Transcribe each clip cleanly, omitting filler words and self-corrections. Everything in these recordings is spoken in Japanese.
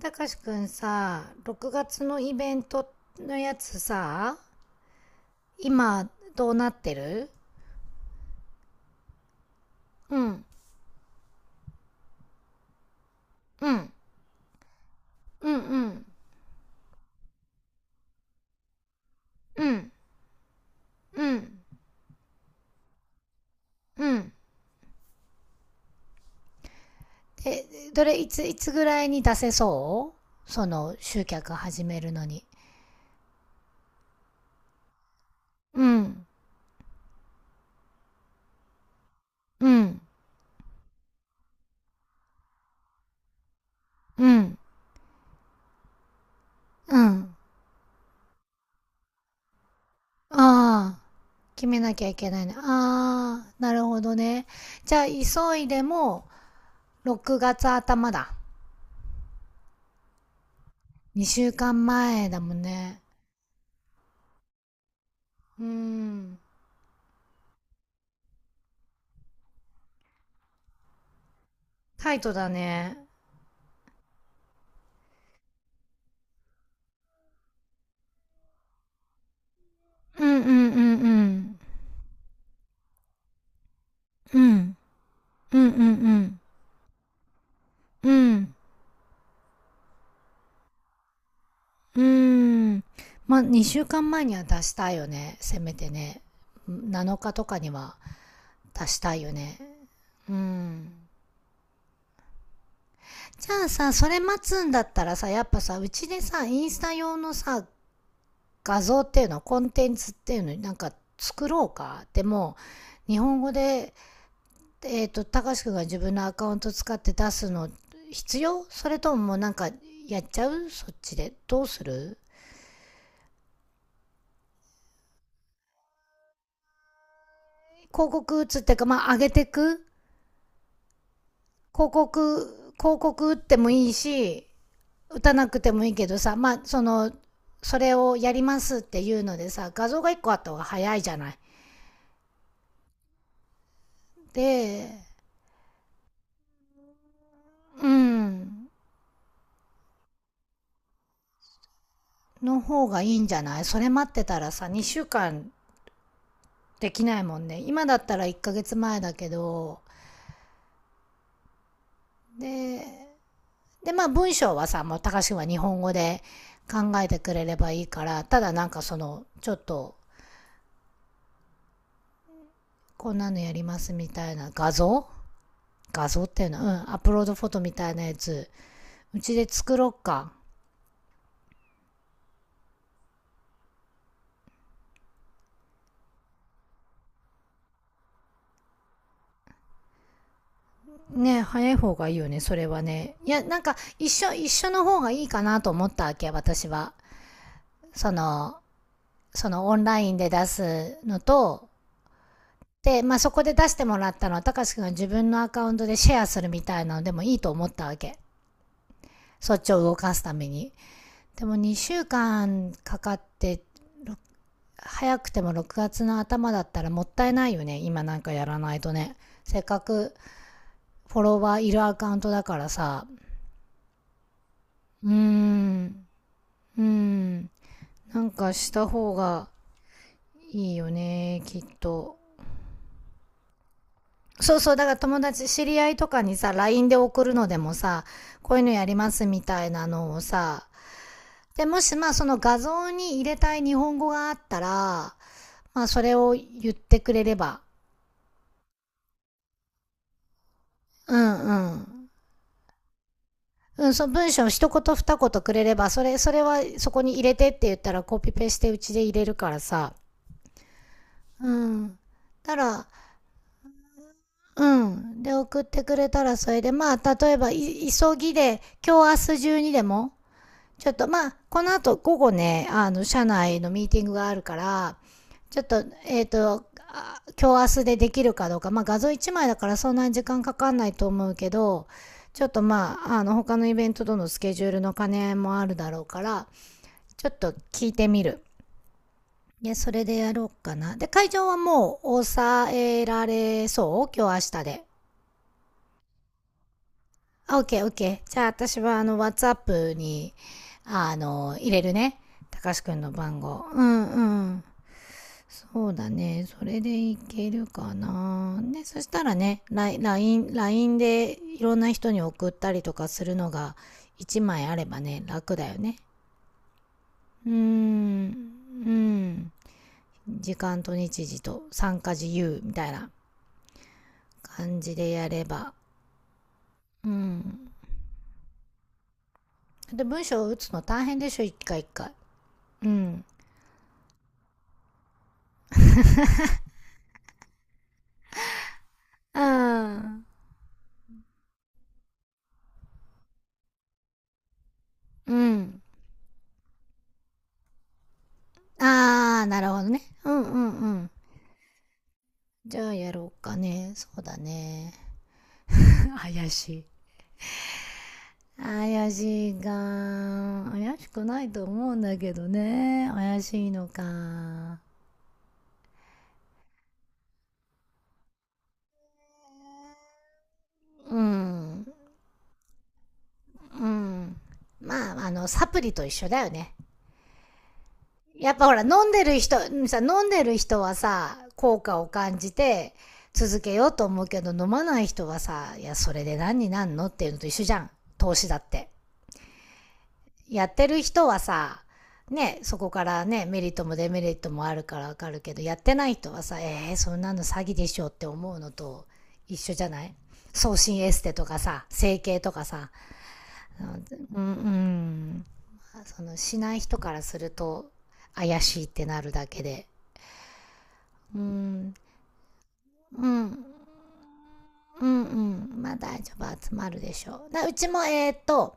たかしくんさ、6月のイベントのやつさ、今どうなってる？うん、うん、うん、うん、うん、うん、うん。で、どれ、いつぐらいに出せそう？その集客始めるのに。うん、うん、うん、うん。ああ、決めなきゃいけないね。ああ、なるほどね。じゃあ、急いでも6月頭だ。2週間前だもんね。うん。タイトだね。うんうんうんうん。うん。うんうんうん。うん。うん。まあ、2週間前には出したいよね。せめてね。7日とかには出したいよね。うん。じゃあさ、それ待つんだったらさ、やっぱさ、うちでさ、インスタ用のさ、画像っていうの、コンテンツっていうの、なんか作ろうか。でも、日本語でたかしくんが自分のアカウント使って出すの必要？それとも、もうなんかやっちゃう、そっちで？どうする？広告打つっていうか、まあ上げてく。広告打ってもいいし、打たなくてもいいけどさ、まあその、それをやりますっていうのでさ、画像が1個あった方が早いじゃない。で、うん、の方がいいんじゃない？それ待ってたらさ、2週間できないもんね。今だったら1ヶ月前だけど、で、で、まあ文章はさ、もう高橋君は日本語で考えてくれればいいから、ただなんかその、ちょっと、こんなのやりますみたいな画像、画像っていうのは、うん、アップロードフォトみたいなやつ、うちで作ろっか。ね、早い方がいいよね、それはね。いや、なんか、一緒の方がいいかなと思ったわけ、私は。その、そのオンラインで出すのと、で、まあ、そこで出してもらったのは、高橋くんが自分のアカウントでシェアするみたいなのでもいいと思ったわけ。そっちを動かすために。でも2週間かんかかって、早くても6月の頭だったらもったいないよね。今なんかやらないとね。せっかくフォロワーいるアカウントだからさ。うーん。うーん。なんかした方がいいよね、きっと。そうそう、だから友達、知り合いとかにさ、LINE で送るのでもさ、こういうのやりますみたいなのをさ、で、もしまあその画像に入れたい日本語があったら、まあ、それを言ってくれれば、うんうん。うん、その文章を一言二言くれれば、それはそこに入れてって言ったらコピペしてうちで入れるからさ。うん。だから、うん。で、送ってくれたらそれで、まあ、例えば、急ぎで、今日明日中にでも、ちょっとまあ、この後午後ね、あの、社内のミーティングがあるから、ちょっと、今日明日でできるかどうか、まあ画像1枚だからそんなに時間かかんないと思うけど、ちょっとまあ、あの、他のイベントとのスケジュールの兼ね合いもあるだろうから、ちょっと聞いてみる。で、それでやろうかな。で、会場はもう抑えられそう？今日明日で。あ、オッケーオッケー。じゃあ私はあの、WhatsApp に、あの、入れるね。たかしくんの番号。うんうん。そうだね。それでいけるかな。ね、そしたらね、ラインでいろんな人に送ったりとかするのが1枚あればね、楽だよね。うーん、うん。時間と日時と参加自由みたいな感じでやれば。うん。で、文章を打つの大変でしょ、一回一回。うん。うん。うん。あー、なるほどね。うんうんうん。じゃあやろうかね。そうだね。怪しい。怪しいか。怪しくないと思うんだけどね。怪しいのか。うん。うん。まあ、あの、サプリと一緒だよね。やっぱほら、飲んでる人、さ、飲んでる人はさ、効果を感じて続けようと思うけど、飲まない人はさ、いや、それで何になんのっていうのと一緒じゃん。投資だって。やってる人はさ、ね、そこからね、メリットもデメリットもあるからわかるけど、やってない人はさ、そんなの詐欺でしょって思うのと一緒じゃない？送信エステとかさ、整形とかさ、うん、うん、その、しない人からすると怪しいってなるだけで、うん、うん、うん、うん、まあ大丈夫、集まるでしょう。だうちも、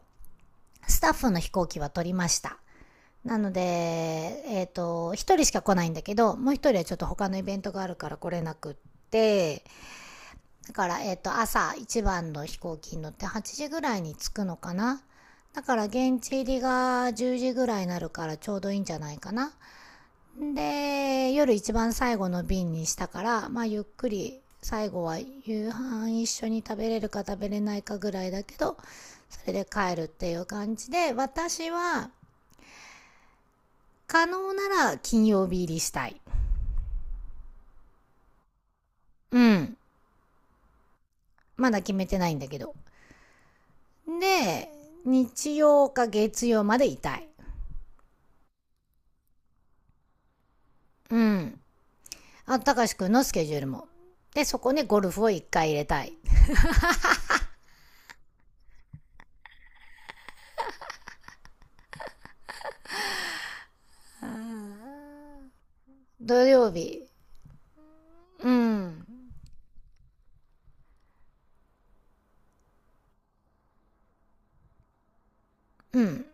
スタッフの飛行機は取りました。なので、一人しか来ないんだけど、もう一人はちょっと他のイベントがあるから来れなくって、だから、朝一番の飛行機に乗って8時ぐらいに着くのかな。だから現地入りが10時ぐらいになるからちょうどいいんじゃないかな。で、夜一番最後の便にしたから、まあゆっくり最後は夕飯一緒に食べれるか食べれないかぐらいだけど、それで帰るっていう感じで、私は可能なら金曜日入りしたい。うん。まだ決めてないんだけど。で、日曜か月曜までいたい。うん。あ、たかしくんのスケジュールも。で、そこにゴルフを一回入れたい。土曜日。うん。うん。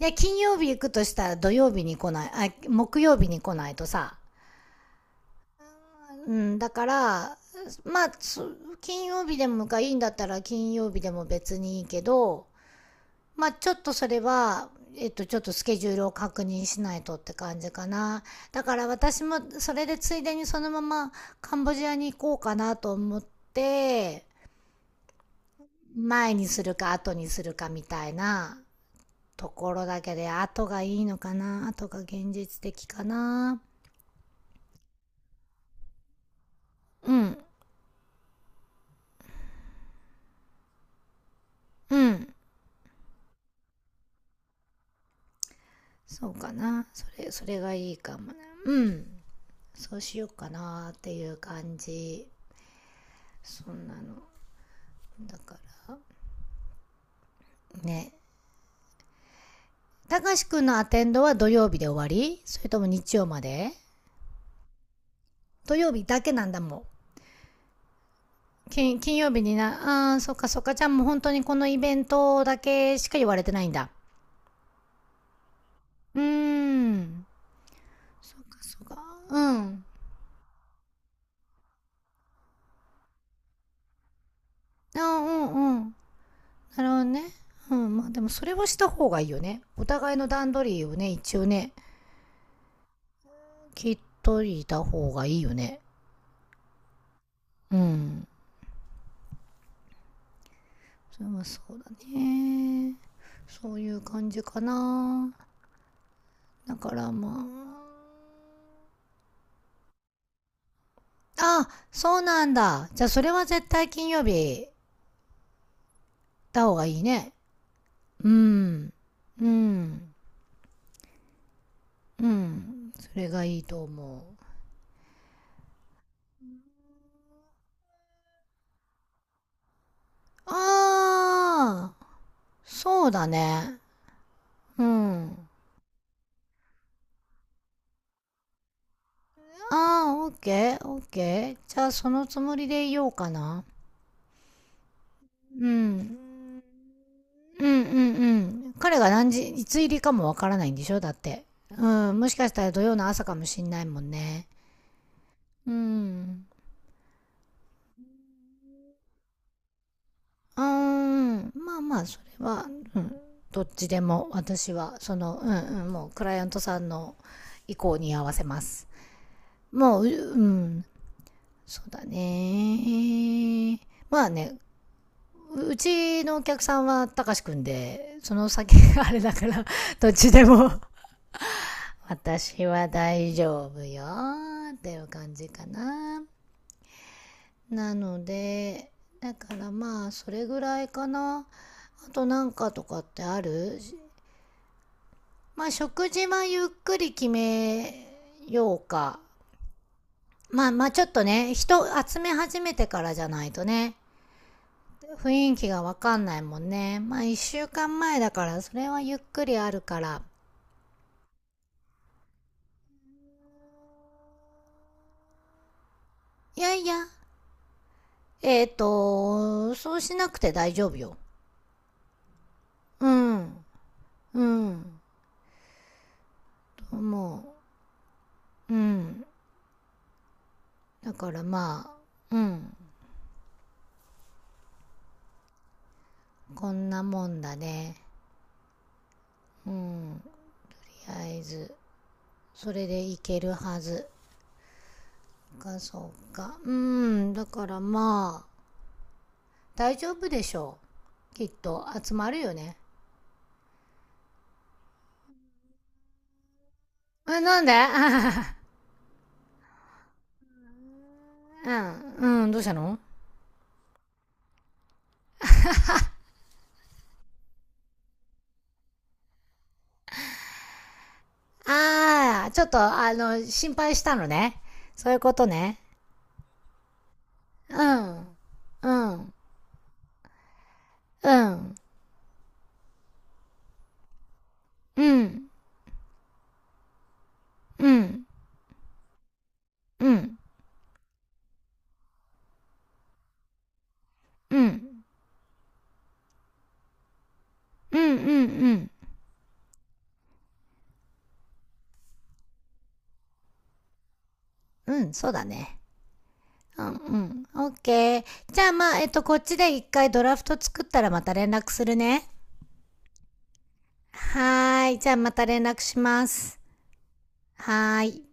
いや、金曜日行くとしたら土曜日に来ない、あ、木曜日に来ないとさ。うん、だから、まあ、金曜日でもがいいんだったら金曜日でも別にいいけど、まあちょっとそれは、えっと、ちょっとスケジュールを確認しないとって感じかな。だから私もそれでついでにそのままカンボジアに行こうかなと思って、前にするか後にするかみたいなところだけで、後がいいのかな？後が現実的かな？うん、うん。そうかな。それがいいかもね。うん。そうしようかなっていう感じ。そんなの。だから、ね。たかしくんのアテンドは土曜日で終わり？それとも日曜まで？土曜日だけなんだもん。金曜日にな、あーそっかそっか、ちゃんもう本当にこのイベントだけしか言われてないんだ。うーん。そっか。うん。あーうんうん。なるほどね。うん、まあでもそれはした方がいいよね。お互いの段取りをね、一応ね、聞いといた方がいいよね。うん。それはそうだね。そういう感じかな。だからまあ、あ、そうなんだ。じゃあそれは絶対金曜日だ方がいいね。うん。うん。うん。それがいいと思う。ああ、そうだね。うん。ああ、オッケー、オッケー。じゃあそのつもりでいようかな。うん。うんうんうん。彼が何時、いつ入りかもわからないんでしょ？だって。うん。もしかしたら土曜の朝かもしんないもんね。うん。うーうんまあまあそれは、うん、どっちでも私はその、うんうん、もうクライアントさんの意向に合わせます。もうううん。そうだね。まあね。うちのお客さんはたかしくんでその先があれだから どっちでも 私は大丈夫よっていう感じかな。なので、だからまあそれぐらいかな。あと、なんかとかってある？まあ、食事はゆっくり決めようか。まあまあちょっとね、人集め始めてからじゃないとね、雰囲気がわかんないもんね。まあ一週間前だから、それはゆっくりあるから。いやいや、そうしなくて大丈夫よ。うん、うん、とう。うん。だからまあ、うん、こんなもんだね。うん、とりあえず、それでいけるはず。かそうかうーんだからまあ大丈夫でしょう、きっと集まるよね。えなんで？ うんうん、どうしたの？ああ、ちょっとあの心配したのね、そういうことね。うんうんうんうんうんうんうんうんうんうんうんそうだね。うんうん、オッケー。じゃあまあ、えっとこっちで一回ドラフト作ったらまた連絡するね。はーい。じゃあまた連絡します。はーい。